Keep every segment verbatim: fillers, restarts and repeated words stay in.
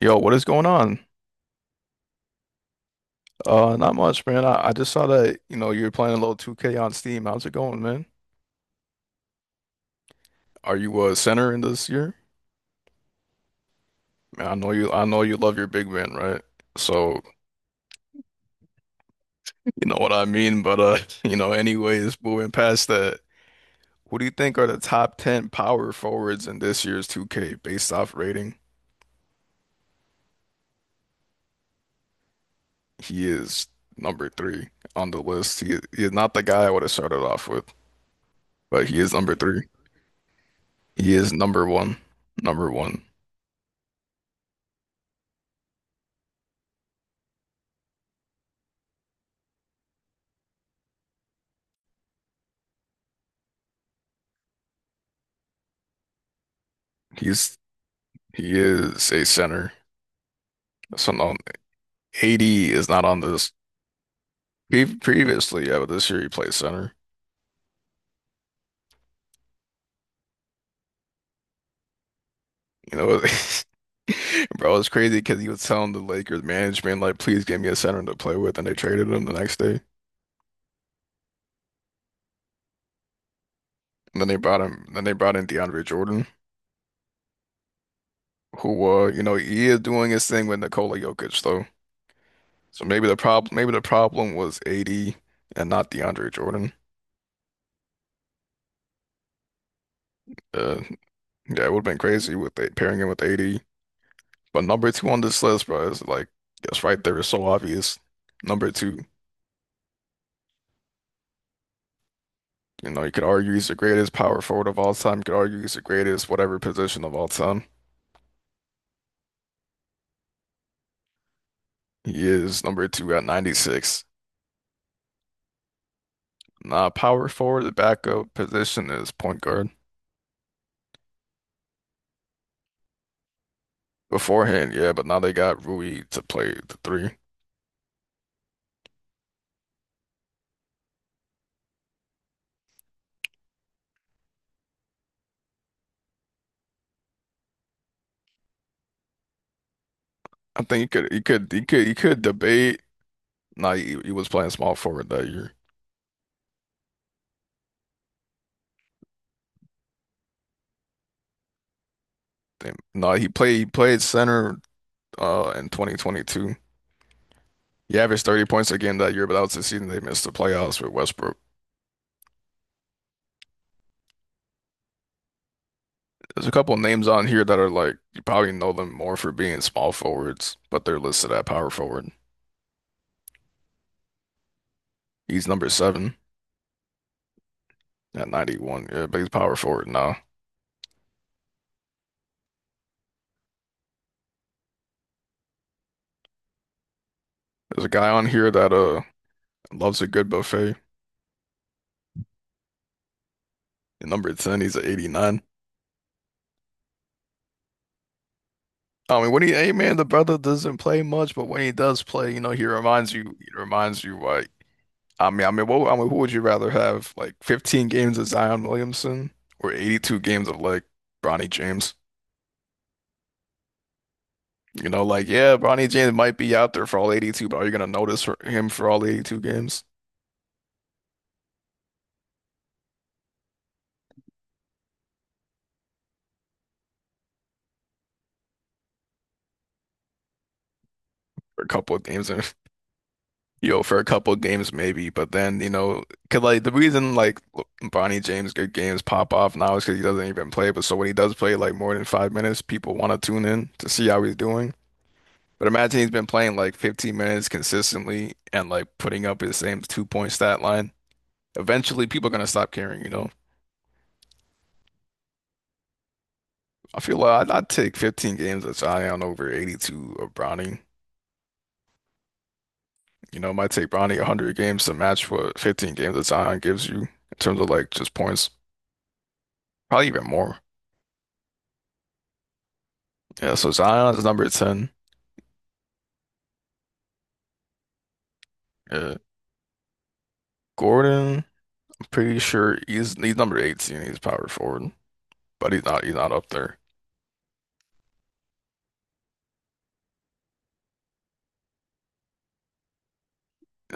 Yo, what is going on? Uh, not much, man. I, I just saw that, you know, you're playing a little two K on Steam. How's it going, man? Are you a center in this year? Man, I know you I know you love your big man, right? So, you know what I mean, but uh, you know, anyways, moving past that, who do you think are the top ten power forwards in this year's two K based off rating? He is number three on the list. He, he is not the guy I would have started off with, but he is number three. He is number one. Number one. He's He is a center. So no, A D is not on this. Pre previously, yeah, but this year he plays center. You know, bro, it's crazy because he was telling the Lakers management like, please give me a center to play with, and they traded him the next day. And then they brought him. Then they brought in DeAndre Jordan, who, uh, you know, he is doing his thing with Nikola Jokic though. So maybe the problem, maybe the problem was A D and not DeAndre Jordan. Uh, yeah, it would have been crazy with the, pairing him with A D. But number two on this list, bro, is like that's right there is so obvious. Number two, you know, you could argue he's the greatest power forward of all time. You could argue he's the greatest whatever position of all time. He is number two at ninety-six. Nah, power forward, the backup position is point guard. Beforehand, yeah, but now they got Rui to play the three. I think you could, you could, you could, you could debate. Nah, he, he was playing small forward that year. Damn. Nah, he played, he played center uh in twenty twenty-two. He averaged thirty points a game that year, but that was the season they missed the playoffs with Westbrook. There's a couple names on here that are like, you probably know them more for being small forwards, but they're listed at power forward. He's number seven at ninety-one. Yeah, but he's power forward now. There's a guy on here that uh loves a good buffet. At number ten, he's at eighty-nine. I mean, when he, hey man, the brother doesn't play much, but when he does play, you know, he reminds you, he reminds you like. I mean, I mean, what, I mean, who would you rather have, like fifteen games of Zion Williamson or eighty-two games of like Bronny James? You know, like yeah, Bronny James might be out there for all eighty-two, but are you gonna notice for him for all eighty-two games? For a couple of games, and you know, for a couple of games maybe, but then you know, cause like the reason like Bronny James good games pop off now is because he doesn't even play. But so when he does play like more than five minutes, people want to tune in to see how he's doing. But imagine he's been playing like fifteen minutes consistently and like putting up his same two point stat line. Eventually, people are gonna stop caring, you know. I feel like I'd, I'd take fifteen games of Zion over eighty-two of Bronny. You know, it might take Bronny one hundred games to match what fifteen games of Zion gives you in terms of like just points, probably even more. Yeah, so Zion's number ten. Yeah. Gordon, I'm pretty sure he's he's number eighteen. He's power forward, but he's not he's not up there.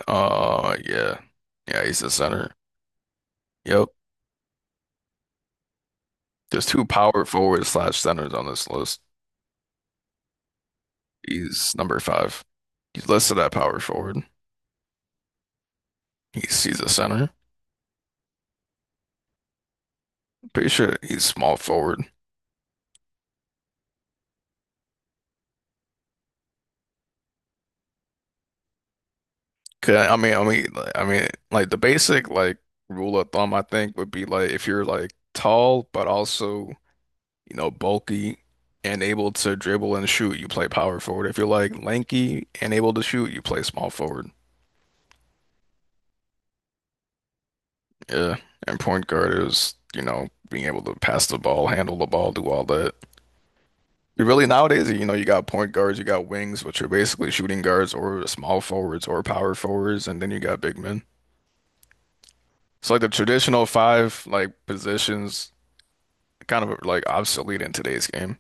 Uh, yeah, yeah, he's the center. Yep. There's two power forward slash centers on this list. He's number five. He's listed at power forward. He's he's a center. Pretty sure he's small forward. 'Kay, I mean, I mean, like- I mean, like the basic like rule of thumb, I think, would be like if you're like tall but also you know bulky and able to dribble and shoot, you play power forward. If you're like lanky and able to shoot, you play small forward. Yeah, and point guard is you know being able to pass the ball, handle the ball, do all that. Really nowadays, you know, you got point guards, you got wings, which are basically shooting guards or small forwards or power forwards, and then you got big men. So like the traditional five like positions kind of like obsolete in today's game.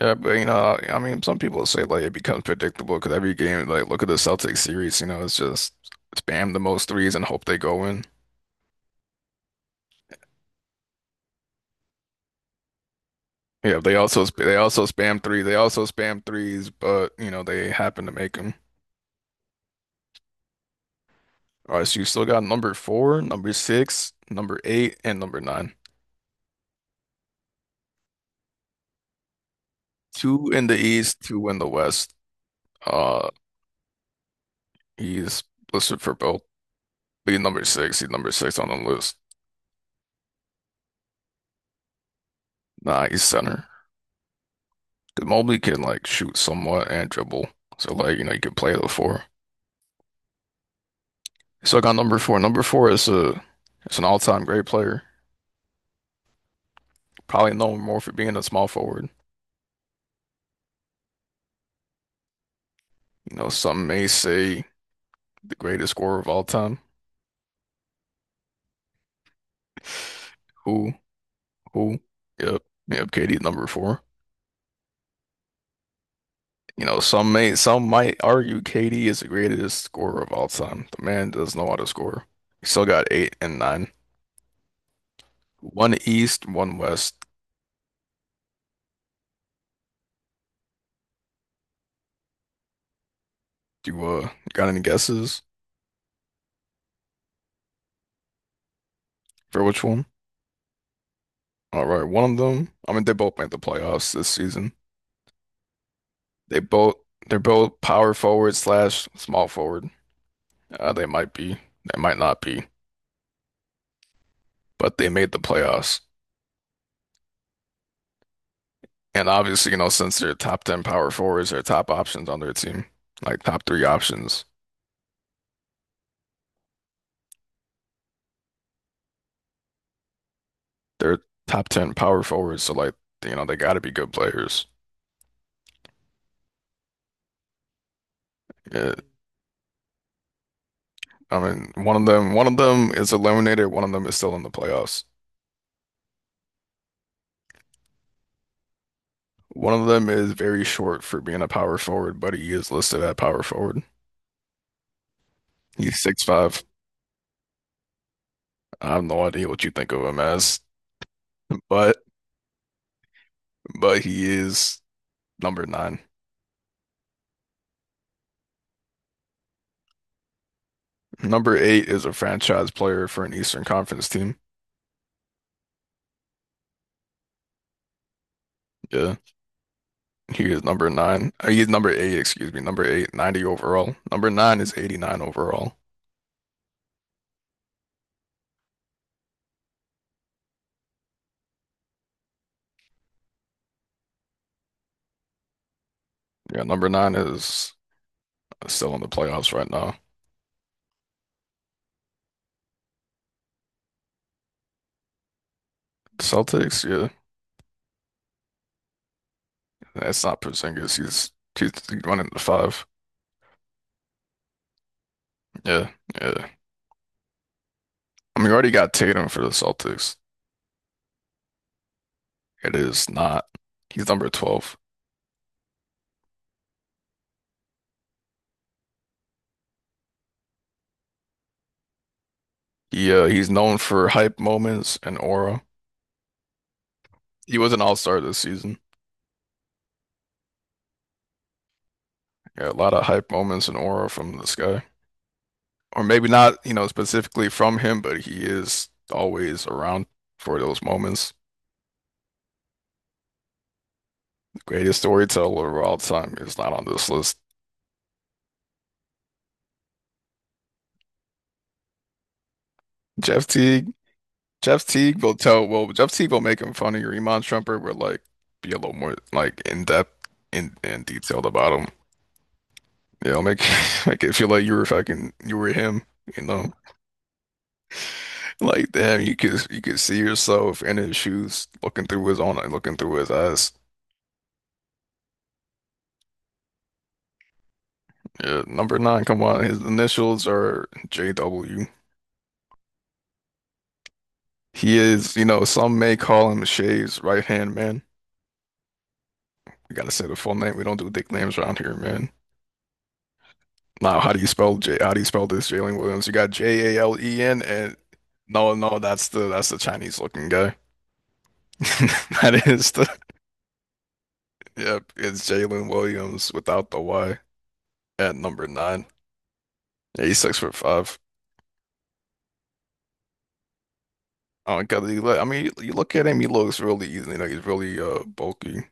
Yeah, but you know, I mean, some people say like it becomes predictable because every game, like look at the Celtics series, you know, it's just spam the most threes and hope they go in. Yeah, they also sp- they also spam three, they also spam threes, but you know, they happen to make them. All right, so you still got number four, number six, number eight, and number nine. Two in the East, two in the West. Uh, he's listed for both. But he's number six. He's number six on the list. Nah, he's center. 'Cause Mobley can like shoot somewhat and dribble. So like, you know, you can play the four. So I got number four. Number four is a it's an all-time great player. Probably known more for being a small forward. You know, some may say the greatest scorer of all time. Who? Who? Yep. Yep, K D number four. You know, some may some might argue K D is the greatest scorer of all time. The man does know how to score. He still got eight and nine. One East, one West. Do you uh got any guesses for which one? All right, one of them. I mean, they both made the playoffs this season. They both they're both power forward slash small forward. Uh, they might be, they might not be, but they made the playoffs. And obviously, you know, since they're top ten power forwards, they're top options on their team, like top three options. They're top ten power forwards, so like, you know, they got to be good players. Yeah. I mean, one of them, one of them is eliminated, one of them is still in the playoffs. One of them is very short for being a power forward, but he is listed at power forward. He's six five. I have no idea what you think of him as, but but he is number nine. Number eight is a franchise player for an Eastern Conference team. Yeah, he is number nine. Uh, He's number eight, excuse me, number eight, ninety overall. Number nine is eighty-nine overall. Yeah, number nine is still in the playoffs right now. Celtics, yeah. That's not Porzingis. He's he's running the five. Yeah, yeah. I mean, you already got Tatum for the Celtics. It is not. He's number twelve. He uh, he's known for hype moments and aura. He was an all-star this season. Yeah, a lot of hype moments and aura from this guy. Or maybe not, you know, specifically from him, but he is always around for those moments. The greatest storyteller of all time is not on this list. Jeff Teague, Jeff Teague will tell, well, Jeff Teague will make him funny. Iman Shumpert will like be a little more like in depth and and detailed about him. Yeah, it'll make make it feel like you were fucking you were him. You know, like damn, you could you could see yourself in his shoes, looking through his own, looking through his eyes. Yeah, number nine, come on, his initials are J W. He is, you know, some may call him Shay's right hand man. We gotta say the full name. We don't do dick names around here, man. Now, how do you spell J? How do you spell this Jalen Williams? You got J A L E N, and no, no, that's the that's the Chinese looking guy. That is the yep. It's Jalen Williams without the Y at number nine. Yeah, he's six foot five. Oh God, he, look- I mean, you look at him. He looks really easy. you know, he's really uh bulky.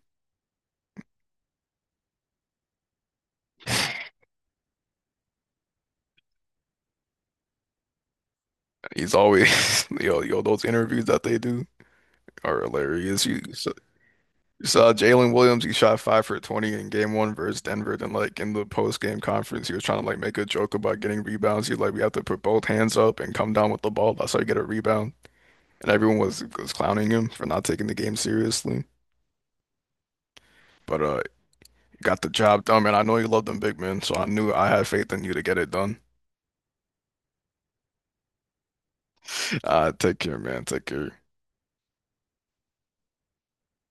He's always, yo, yo, those interviews that they do are hilarious. You, so You saw Jalen Williams, he shot five for twenty in game one versus Denver. Then, like, in the post game conference, he was trying to, like, make a joke about getting rebounds. He's like, we have to put both hands up and come down with the ball. That's how you get a rebound. And everyone was, was clowning him for not taking the game seriously. But, uh, you got the job done, man. I know you love them big men, so I knew I had faith in you to get it done. Uh, take care, man. Take care.